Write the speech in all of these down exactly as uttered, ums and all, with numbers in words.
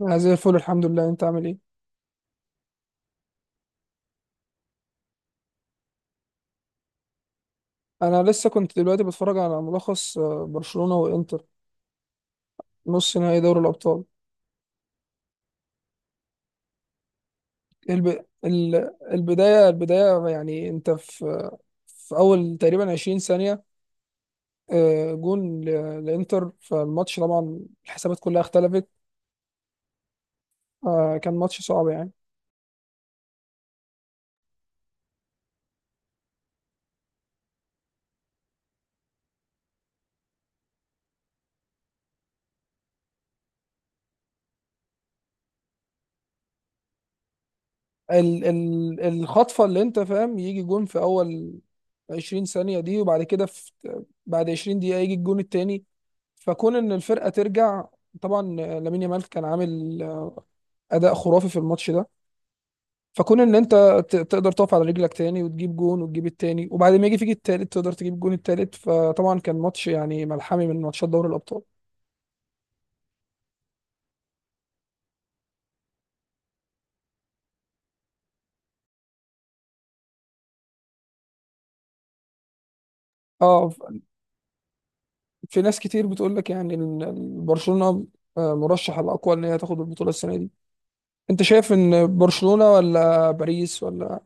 انا زي الفل الحمد لله، انت عامل ايه؟ انا لسه كنت دلوقتي بتفرج على ملخص آه، برشلونة وانتر، نص نهائي دوري الابطال. الب... ال... البداية البداية يعني انت في في اول تقريبا عشرين ثانية آه، جون ل- لانتر فالماتش، طبعا الحسابات كلها اختلفت. آه، كان ماتش صعب يعني. ال... ال... الخطفة اللي انت فاهم، يجي جون في اول عشرين ثانية دي، وبعد كده في بعد عشرين دقيقة يجي الجون التاني. فكون ان الفرقه ترجع، طبعا لامين يامال كان عامل اداء خرافي في الماتش ده، فكون ان انت ت- تقدر تقف على رجلك تاني وتجيب جون وتجيب التاني، وبعد ما يجي فيك التالت تقدر تجيب جون التالت، فطبعا كان ماتش يعني ملحمي من ماتشات دوري الابطال. اه ف- في ناس كتير بتقول لك يعني ان إن برشلونه آه، مرشح الاقوى ان هي تاخد البطوله السنه دي. انت شايف ان برشلونه ولا باريس ولا؟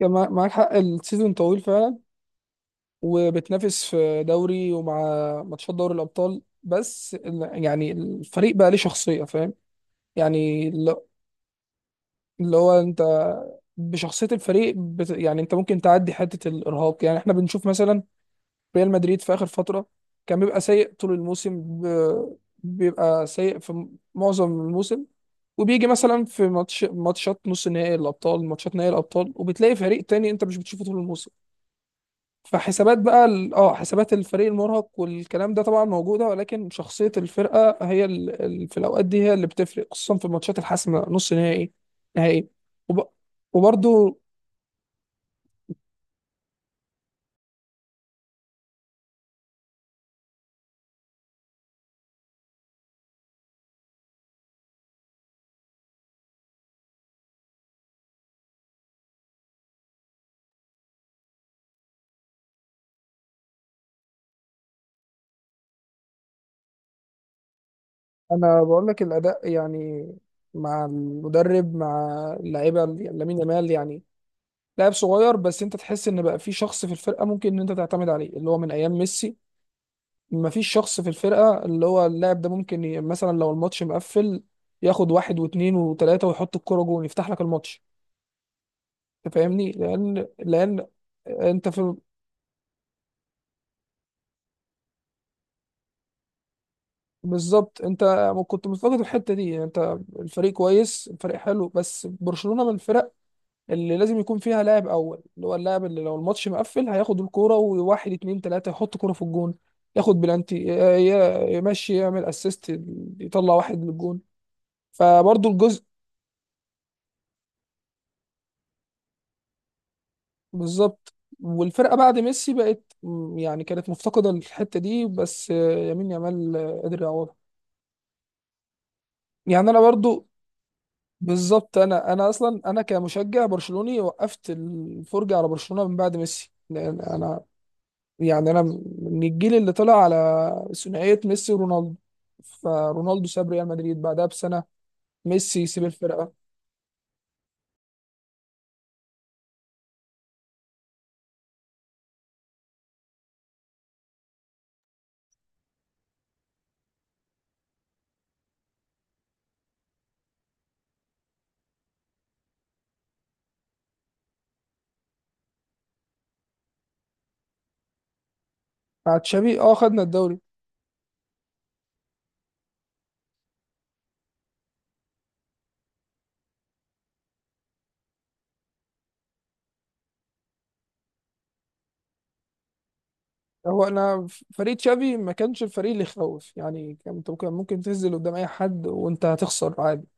كان مع- معاك حق، السيزون طويل فعلا، وبتنافس في دوري ومع ماتشات دوري الأبطال، بس ال- يعني الفريق بقى ليه شخصية، فاهم يعني الل- اللي هو انت بشخصية الفريق بت... يعني انت ممكن تعدي حتة الإرهاق. يعني احنا بنشوف مثلا ريال مدريد في آخر فترة كان بيبقى سيء طول الموسم، ب... بيبقى سيء في م- معظم الموسم، وبيجي مثلا في ماتش ماتشات نص نهائي الأبطال، ماتشات نهائي الأبطال، وبتلاقي فريق تاني انت مش بتشوفه طول الموسم. فحسابات بقى ال- اه حسابات الفريق المرهق والكلام ده طبعا موجوده، ولكن شخصيه الفرقه هي ال... ال- في الاوقات دي هي اللي بتفرق، خصوصا في الماتشات الحاسمه، نص نهائي، نهائي. وب... وبرضو انا بقول لك الاداء يعني مع المدرب مع اللعيبه، ال- يعني لامين يامال يعني لاعب صغير، بس انت تحس ان بقى في شخص في الفرقه ممكن ان انت تعتمد عليه، اللي هو من ايام ميسي مفيش شخص في الفرقة اللي هو اللاعب ده ممكن ي... مثلا لو الماتش مقفل، ياخد واحد واثنين وثلاثة ويحط الكرة جون، يفتح لك الماتش. انت فاهمني، لأن لأن انت في بالظبط. انت كنت مفتقد الحتة دي، يعني انت الفريق كويس، الفريق حلو، بس برشلونة من الفرق اللي لازم يكون فيها لاعب أول، اللي هو اللاعب اللي لو الماتش مقفل هياخد الكرة وواحد اتنين تلاتة يحط كرة في الجون، ياخد بلانتي، ي- ي- يمشي يعمل اسيست، يطلع واحد للجون. فبرضه الجزء بالظبط. والفرقه بعد ميسي بقت م، يعني كانت مفتقده للحته دي، بس آه، يمين يامال آه، قدر يعوضها. يعني انا برضو بالظبط، انا انا اصلا انا كمشجع برشلوني وقفت الفرجه على برشلونه من بعد ميسي، لان انا يعني انا من الجيل اللي طلع على ثنائيه ميسي ورونالدو. فرونالدو ساب ريال مدريد بعدها بسنه، ميسي يسيب الفرقه. مع تشافي اه خدنا الدوري. هو انا ف- فريق تشافي ما كانش الفريق اللي يخوف يعني، كان كان ممكن تنزل قدام اي حد وانت هتخسر عادي،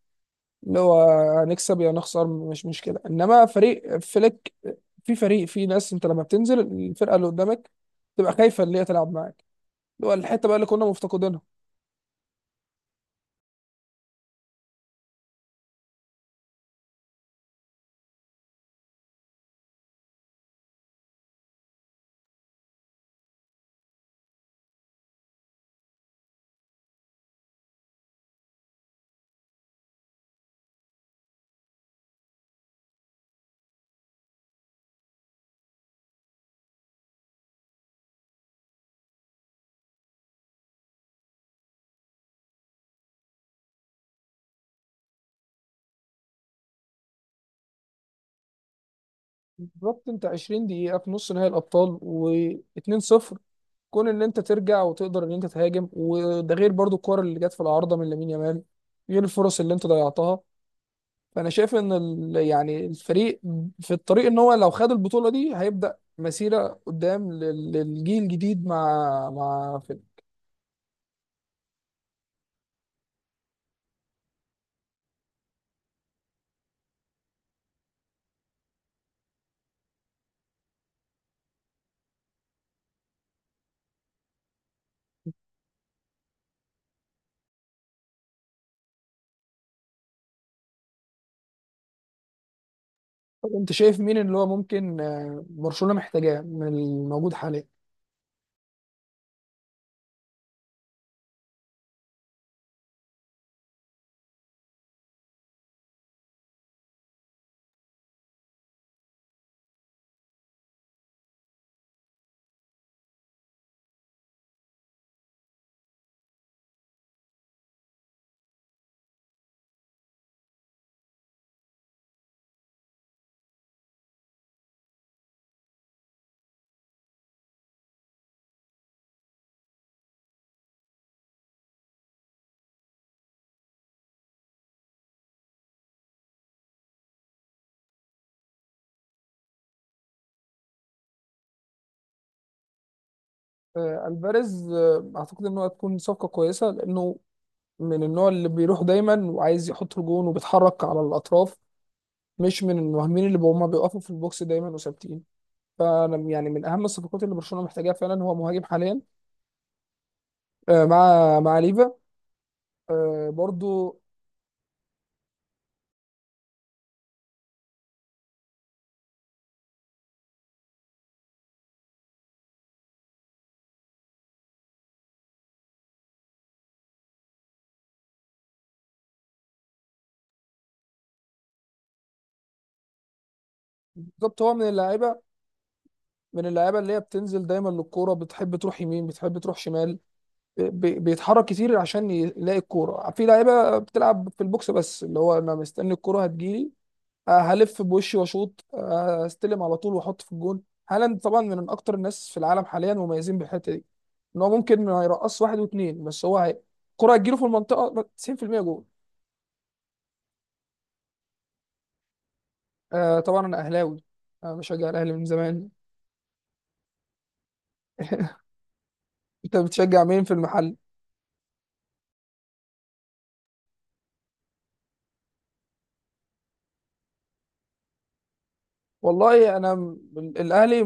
اللي هو هنكسب يا نخسر مش مشكله. انما فريق فليك في فريق، في ناس انت لما بتنزل الفرقه اللي قدامك تبقى خايفه اللي هي تلعب معاك، اللي هو الحته بقى اللي كنا مفتقدينها. بالظبط، انت عشرين دقيقه في نص نهائي الابطال و2-0، كون ان انت ترجع وتقدر ان انت تهاجم، وده غير برضو الكور اللي جت في العارضه من لامين يامال، غير الفرص اللي انت ضيعتها. فانا شايف ان ال... يعني الفريق في الطريق ان هو لو خد البطوله دي هيبدا مسيره قدام لل- للجيل الجديد مع مع فيلم. طب انت شايف مين اللي هو ممكن آه، برشلونه محتاجاه من الموجود حاليا؟ آه، الفاريز آه، اعتقد ان هو هتكون صفقه كويسه، لانه من النوع اللي بيروح دايما وعايز يحط الجون وبيتحرك على الاطراف، مش من المهاجمين اللي هما بيقفوا في البوكس دايما وثابتين. فانا يعني من اهم الصفقات اللي برشلونه محتاجاها فعلا هو مهاجم حاليا آه، مع مع ليفا. آه برضو بالظبط، هو من اللعيبه من اللعيبه اللي هي بتنزل دايما للكوره، بتحب تروح يمين بتحب تروح شمال، بي- بيتحرك كتير عشان يلاقي الكوره، في لعيبه بتلعب في البوكس بس اللي هو انا مستني الكوره هتجيلي، آه، هلف بوشي واشوط، آه، استلم على طول واحط في الجون. هالاند طبعا من اكتر الناس في العالم حاليا مميزين بالحته دي، ان هو ممكن ما يرقص واحد واثنين، بس هو هي الكوره هتجيله في المنطقه تسعين في المية، جول. آه طبعا انا اهلاوي، انا بشجع الاهلي من زمان. انت بتشجع مين في المحل؟ والله انا م- الاهلي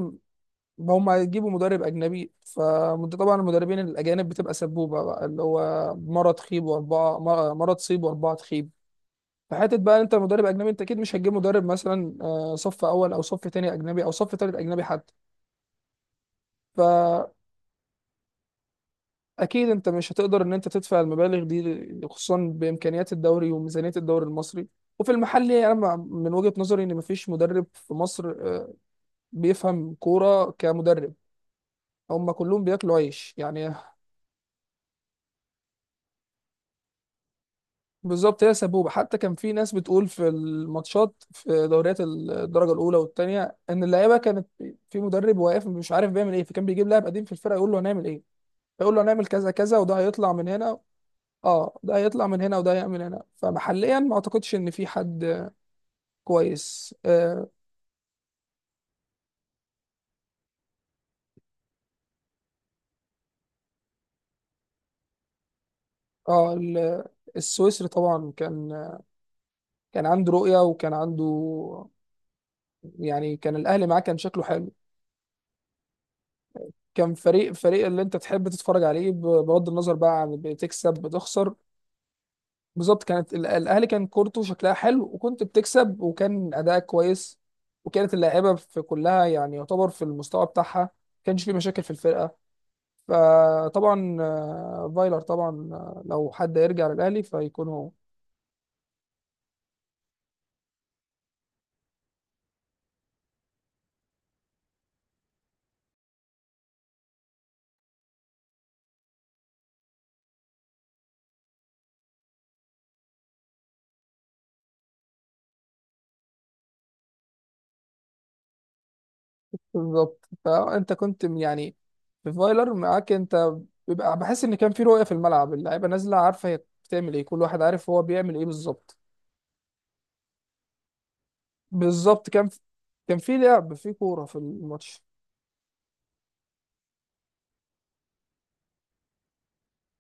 هم هيجيبوا مدرب اجنبي، فانت طبعا المدربين الاجانب بتبقى سبوبه بقى، اللي هو مره تخيب واربعه، مره مرة تصيب واربعه تخيب. فحته بقى انت مدرب اجنبي، انت اكيد مش هتجيب مدرب مثلا آه، صف اول او صف تاني اجنبي او صف تالت اجنبي حتى. فاكيد انت مش هتقدر ان انت تدفع المبالغ دي، خصوصا بامكانيات الدوري وميزانيه الدوري المصري. وفي المحلي انا مع- من وجهه نظري ان مفيش مدرب في مصر آه، بيفهم كوره كمدرب، هم كلهم بياكلوا عيش يعني. بالظبط، هي سبوبة. حتى كان في ناس بتقول في الماتشات في دوريات الدرجة الأولى والتانية إن اللعيبة كانت في مدرب واقف مش عارف بيعمل إيه، فكان بيجيب لاعب قديم في الفرقة يقول له هنعمل إيه، يقول له هنعمل كذا كذا وده هيطلع من هنا. اه ده هيطلع من هنا وده هيعمل هنا. فمحليا ما اعتقدش ان في حد كويس، اه. آه ال- السويسري طبعا كان كان عنده رؤية، وكان عنده يعني كان الاهلي معاه كان شكله حلو، كان فريق فريق اللي انت تحب تتفرج عليه، ب- بغض النظر بقى عن بتكسب بتخسر. بالظبط، كانت ال- الاهلي كان كورته شكلها حلو، وكنت بتكسب وكان اداءك كويس، وكانت اللاعيبه في كلها يعني يعتبر في المستوى بتاعها، ما كانش في مشاكل في الفرقه. فطبعا آه، فايلر طبعا آه، لو حد يرجع للاهلي فيكون هو. بالظبط، فانت كنت يعني في فايلر معاك انت بيبقى بحس ان كان في رؤيه في الملعب، اللعيبه نازله عارفه هي بتعمل ايه، كل واحد عارف هو بيعمل ايه بالظبط. بالظبط، كان في... كان في لعب، في كورة في الماتش.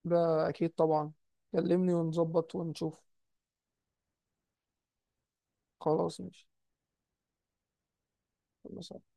ده أكيد طبعا، كلمني ونظبط ونشوف. خلاص ماشي. خلاص.